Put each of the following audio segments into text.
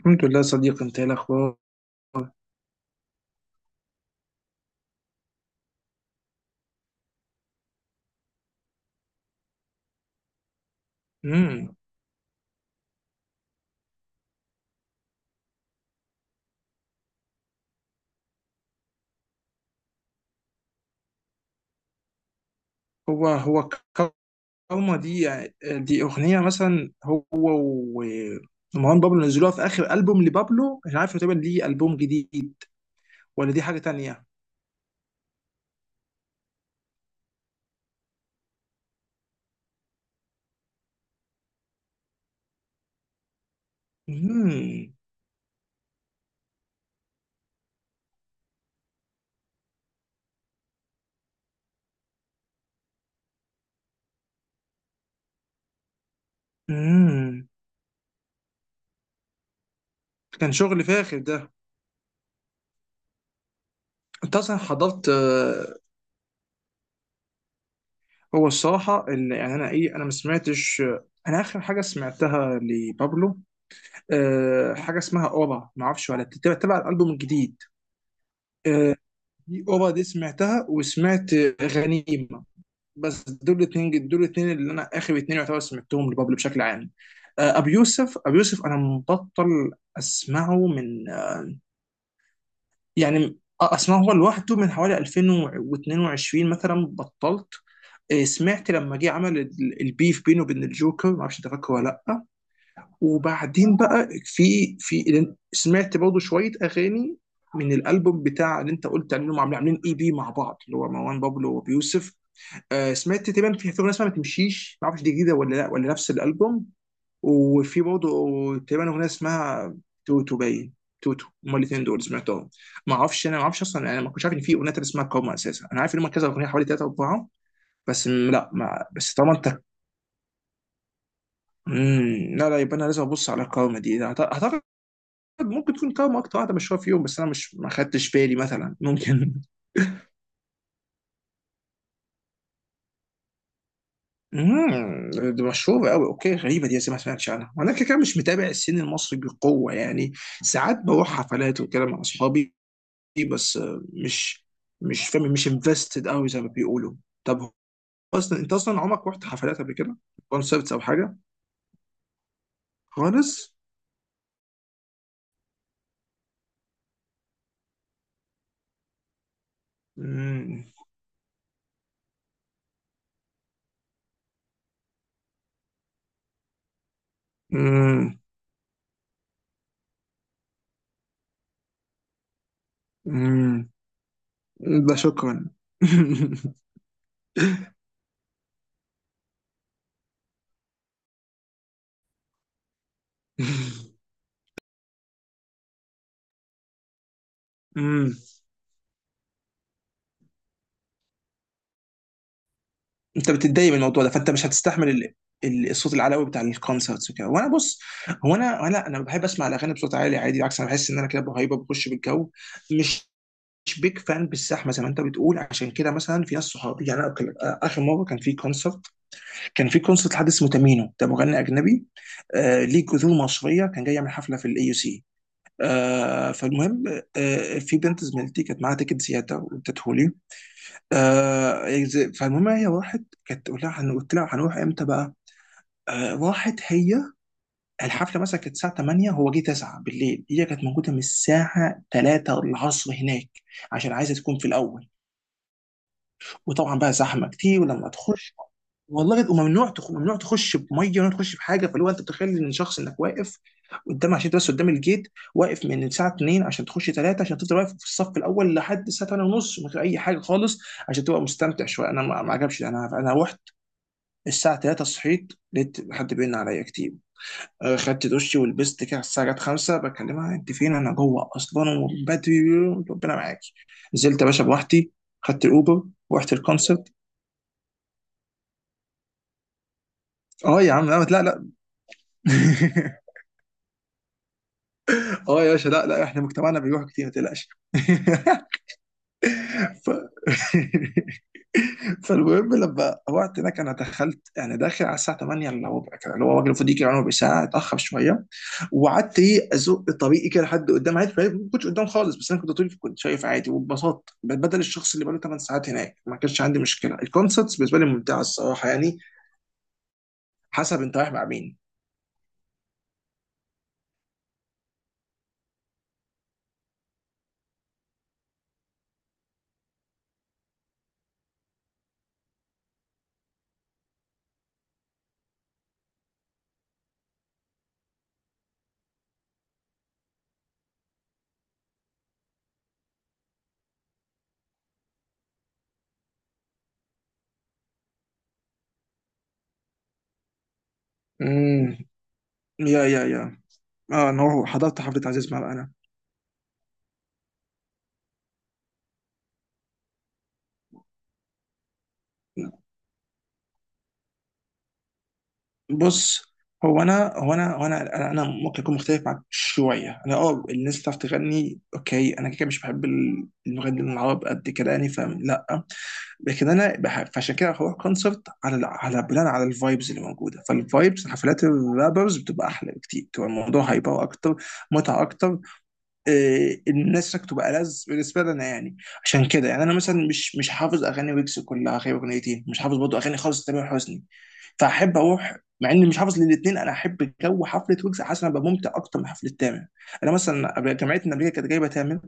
الحمد لله صديقي، انت ايه الاخبار؟ امم. هو كارما دي. دي اغنيه مثلا ومروان بابلو نزلوها في اخر البوم لبابلو، مش عارف تقريبا ليه، البوم جديد ولا دي حاجه تانية. امم. امم. كان شغل فاخر ده. انت اصلا حضرت؟ هو الصراحه، اللي يعني انا ايه، انا ما سمعتش. انا اخر حاجه سمعتها لبابلو حاجه اسمها اورا، ما اعرفش ولا تتبع تبع الالبوم الجديد. آه، دي اوبا دي سمعتها، وسمعت غنيمه. بس دول الاثنين، دول الاثنين اللي انا اخر اثنين يعتبر سمعتهم لبابلو بشكل عام. ابو يوسف، ابو يوسف انا مبطل اسمعه من اسمعه هو لوحده من حوالي 2022 مثلا، بطلت. سمعت لما جه عمل البيف بينه وبين الجوكر، ما اعرفش انت فاكره ولا لا. وبعدين بقى في سمعت برضه شويه اغاني من الالبوم بتاع اللي انت قلت عليهم، عاملين، عاملين اي بي مع بعض اللي هو مروان بابلو وبيوسف. آه سمعت تقريبا في اغنيه اسمها ما تمشيش، ما اعرفش دي جديده ولا لا، ولا نفس الالبوم. وفي برضه تقريبا اغنيه اسمها توتو، باين توتو هما الاثنين دول سمعتهم. ما اعرفش، انا ما اعرفش اصلا، انا ما كنتش عارف ان في اغنيه تانية اسمها كوما اساسا. انا عارف ان هما كذا اغنيه، حوالي ثلاثه اربعه. بس طالما انت، لا لا، يبقى انا لازم ابص على كوما دي. اعتقد ممكن تكون قهوة أكتر واحدة مشهورة فيهم، بس أنا مش، ما خدتش بالي مثلا، ممكن. امم. دي مشهورة قوي؟ أوكي، غريبة، دي زي ما سمعتش عنها. وأنا كده كده مش متابع السين المصري بقوة يعني. ساعات بروح حفلات وكده مع أصحابي، بس مش فاهم، مش انفستد قوي زي ما بيقولوا. طب أصلا، أنت أصلا عمرك رحت حفلات قبل كده؟ كونسرتس أو حاجة؟ خالص؟ امم. امم. امم. ده شكرا. امم. انت بتتضايق من الموضوع ده، فانت مش هتستحمل الصوت العلوي بتاع الكونسرتس وكده. وانا بص، هو انا بحب اسمع الاغاني بصوت عالي عادي، بالعكس، انا بحس ان انا كده بهيبه بخش بالجو. مش مش بيج فان بالزحمه زي ما انت بتقول. عشان كده مثلا في ناس صحابي، يعني أنا اخر مره كان في كونسرت، كان في كونسرت حد اسمه تامينو، ده مغني اجنبي آه ليه جذور مصريه، كان جاي يعمل حفله في الاي يو سي. آه فالمهم، آه في بنت زميلتي كانت معاها تيكت زياده وادته. فالمهم هي راحت، كانت قلت لها قلت لها هنروح امتى بقى؟ آه راحت هي، الحفله مثلا كانت الساعه 8، هو جه 9 بالليل، هي كانت موجوده من الساعه 3 العصر هناك، عشان عايزه تكون في الاول. وطبعا بقى زحمه كتير، ولما تخش، والله بيبقى ممنوع ممنوع تخش بميه، ممنوع تخش بحاجه. فاللي هو انت بتخيل ان شخص، انك واقف قدام عشان بس قدام الجيت، واقف من الساعه 2 عشان تخش 3، عشان تفضل واقف في الصف الاول لحد الساعه 8 ونص من غير اي حاجه خالص، عشان تبقى مستمتع شويه. انا ما عجبش، انا رحت الساعه 3. صحيت لقيت حد بيرن عليا كتير. خدت دشي ولبست كده، على الساعه جت 5 بكلمها انت فين، انا جوه اصلا ومن بدري، ربنا معاكي، نزلت يا باشا بوحدي، خدت الاوبر، رحت الكونسرت. اه يا عم، لا لا لا. اه يا باشا، لا لا، احنا مجتمعنا بيروح كتير ما تقلقش. ف... فالمهم لما وقت هناك، انا دخلت يعني داخل على الساعه 8 الا ربع كده، اللي هو الراجل المفروض يجي يعني ربع ساعه، اتاخر شويه. وقعدت ايه ازق طريقي كده لحد قدام عادي، فاهم؟ ما كنتش قدام خالص، بس انا كنت طول كنت شايف عادي وببساطه. بدل الشخص اللي بقاله 8 ساعات هناك، ما كانش عندي مشكله. الكونسرتس بالنسبه لي ممتعه الصراحه يعني، حسب انت رايح مع مين. امم. يا يا يا، اه ان هو حضرت حفله عزيز مرقه انا. بص، هو انا ممكن اكون مختلف معاك شويه. انا اه، الناس بتعرف تغني اوكي، انا كده كده مش بحب المغنيين العرب قد كده يعني، فاهم؟ لا، لكن انا فعشان كده هروح كونسرت على على بناء على الفايبز اللي موجوده. فالفايبز، حفلات الرابرز بتبقى احلى بكتير، بتبقى الموضوع هيبقى اكتر متعه اكتر. إيه، الناس هناك تبقى ألذ بالنسبه لنا يعني. عشان كده يعني انا مثلا مش حافظ اغاني ويجز كلها غير اغنيتين. مش حافظ برضه اغاني خالص تامر حسني، فاحب اروح مع اني مش حافظ للاثنين. انا احب جو حفله ويجز، حاسس إن انا ببقى ممتع اكتر من حفله تامر. انا مثلا جامعتنا قبل كده كانت جايبه تامر،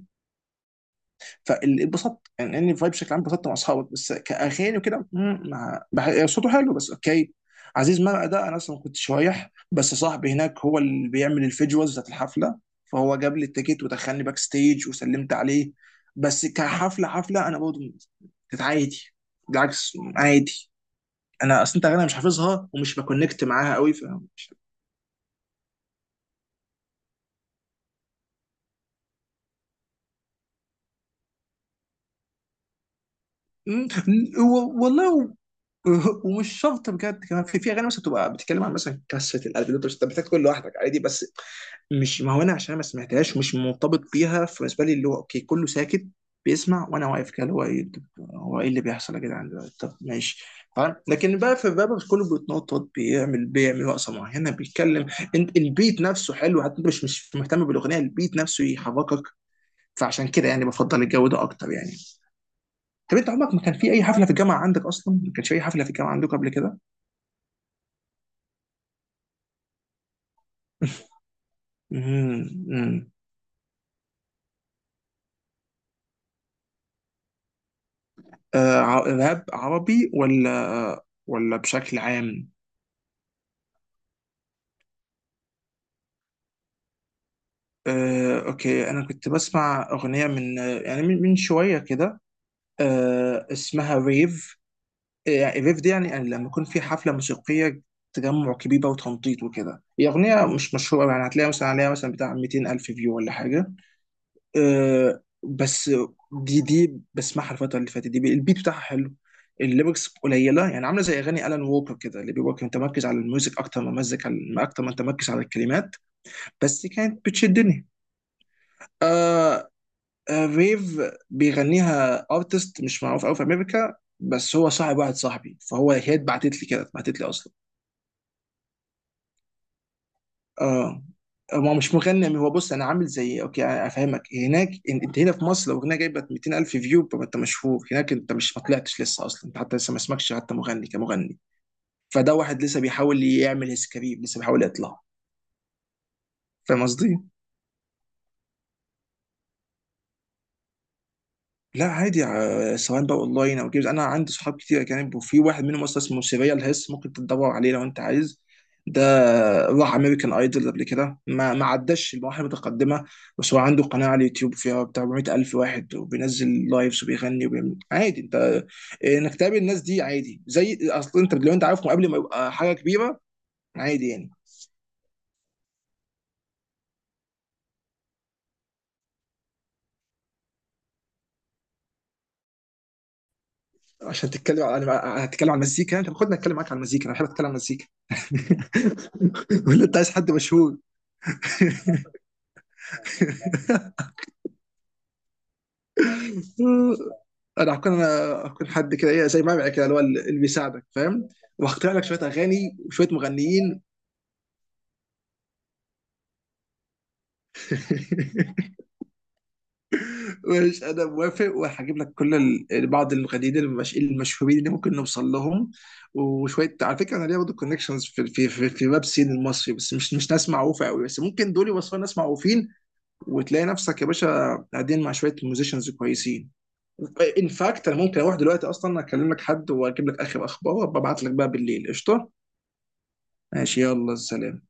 فاتبسطت يعني، اني فايب بشكل عام، اتبسطت مع اصحابك، بس كاغاني وكده صوته حلو بس اوكي. عزيز مرقه ده انا اصلا ما كنتش رايح، بس صاحبي هناك هو اللي بيعمل الفيجوالز بتاعت الحفله، فهو جاب لي التيكت ودخلني باك ستيج وسلمت عليه. بس كحفله حفله انا برضه، كانت عادي، بالعكس عادي. انا اصلا، انت اغاني مش حافظها ومش بكونكت معاها قوي ف مش- مم، والله ومش شرط بجد، كمان في اغاني مثلا بتبقى بتتكلم عن مثلا كسه القلب دول، بس انت محتاج تكون لوحدك عادي. بس مش، ما هو انا عشان ما سمعتهاش مش مرتبط بيها، فبالنسبه لي اللي هو اوكي كله ساكت بيسمع، وانا واقف كده اللي هو ايه، طب هو ايه اللي بيحصل يا جدعان دلوقتي؟ طب ماشي. فاهم، لكن بقى في الراب بس كله بيتنطط، بيعمل رقصه معينه، بيتكلم. انت البيت نفسه حلو، حتى انت مش مهتم بالاغنيه، البيت نفسه يحركك. فعشان كده يعني بفضل الجو ده اكتر يعني. طب انت عمرك ما كان في اي حفله في الجامعه عندك؟ اصلا ما كانش في اي حفله في الجامعه عندك قبل كده؟ مهم. مم. راب عربي ولا، ولا بشكل عام؟ اوكي، انا كنت بسمع اغنيه من، من شويه كده، اسمها ريف. يعني ريف دي يعني يعني لما يكون في حفله موسيقيه، تجمع كبير بقى وتنطيط وكده. هي اغنيه مش مشهوره يعني، هتلاقيها مثلا عليها مثلا بتاع 200 الف فيو ولا حاجه. آه بس دي بسمعها الفترة اللي فاتت دي، البيت بتاعها حلو. الليركس قليلة يعني، عاملة زي أغاني ألان ووكر كده، اللي بيبقى متمركز على الميوزك أكتر ما مزك على، أكتر ما تمركز على الكلمات. بس كانت بتشدني. آه، آه ريف بيغنيها ارتست مش معروف أوي في أمريكا، بس هو صاحب واحد صاحبي، فهو، هي اتبعتت لي كده، اتبعتت لي أصلا. اه، ما هو مش مغني. هو بص، انا عامل زي اوكي، أنا افهمك. هناك انت هنا في مصر لو اغنيه جايبه 200,000 فيو يبقى انت مشهور. هناك انت مش، ما طلعتش لسه اصلا، انت حتى لسه ما اسمكش حتى مغني كمغني. فده واحد لسه بيحاول يعمل هيز كارير، لسه بيحاول يطلع. فاهم قصدي؟ لا عادي، سواء بقى اونلاين او جيمز، انا عندي صحاب كتير اجانب. وفي واحد منهم اصلا اسمه سيريال هيس، ممكن تدور عليه لو انت عايز. ده راح امريكان ايدول قبل كده، ما عداش المراحل المتقدمه. بس هو عنده قناه على اليوتيوب فيها بتاع 400 الف واحد، وبينزل لايفز وبيغني وبيعمل عادي. انت انك تقابل الناس دي عادي، زي اصل انت لو انت عارفهم قبل ما يبقى حاجه كبيره، عادي يعني. عشان تتكلم على، هتتكلم على المزيكا، انت خدنا اتكلم معاك على المزيكا، انا بحب اتكلم على المزيكا. ولا انت عايز حد مشهور؟ انا هكون، انا هكون حد كده ايه زي ما كده، اللي هو اللي بيساعدك فاهم. وهخترع لك شويه اغاني وشويه مغنيين. مش، انا موافق. وهجيب لك كل بعض المغنيين المشهورين اللي ممكن نوصل لهم. وشويه على فكره، انا ليا برضه كونكشنز في ويب سين المصري، بس مش، مش ناس معروفه قوي، بس ممكن دول يوصلوا ناس معروفين. وتلاقي نفسك يا باشا قاعدين مع شويه ميوزيشنز كويسين. ان فاكت، انا ممكن اروح دلوقتي اصلا اكلم لك حد واجيب لك اخر اخبار، وابعت لك بقى بالليل قشطه. ماشي، يلا سلام.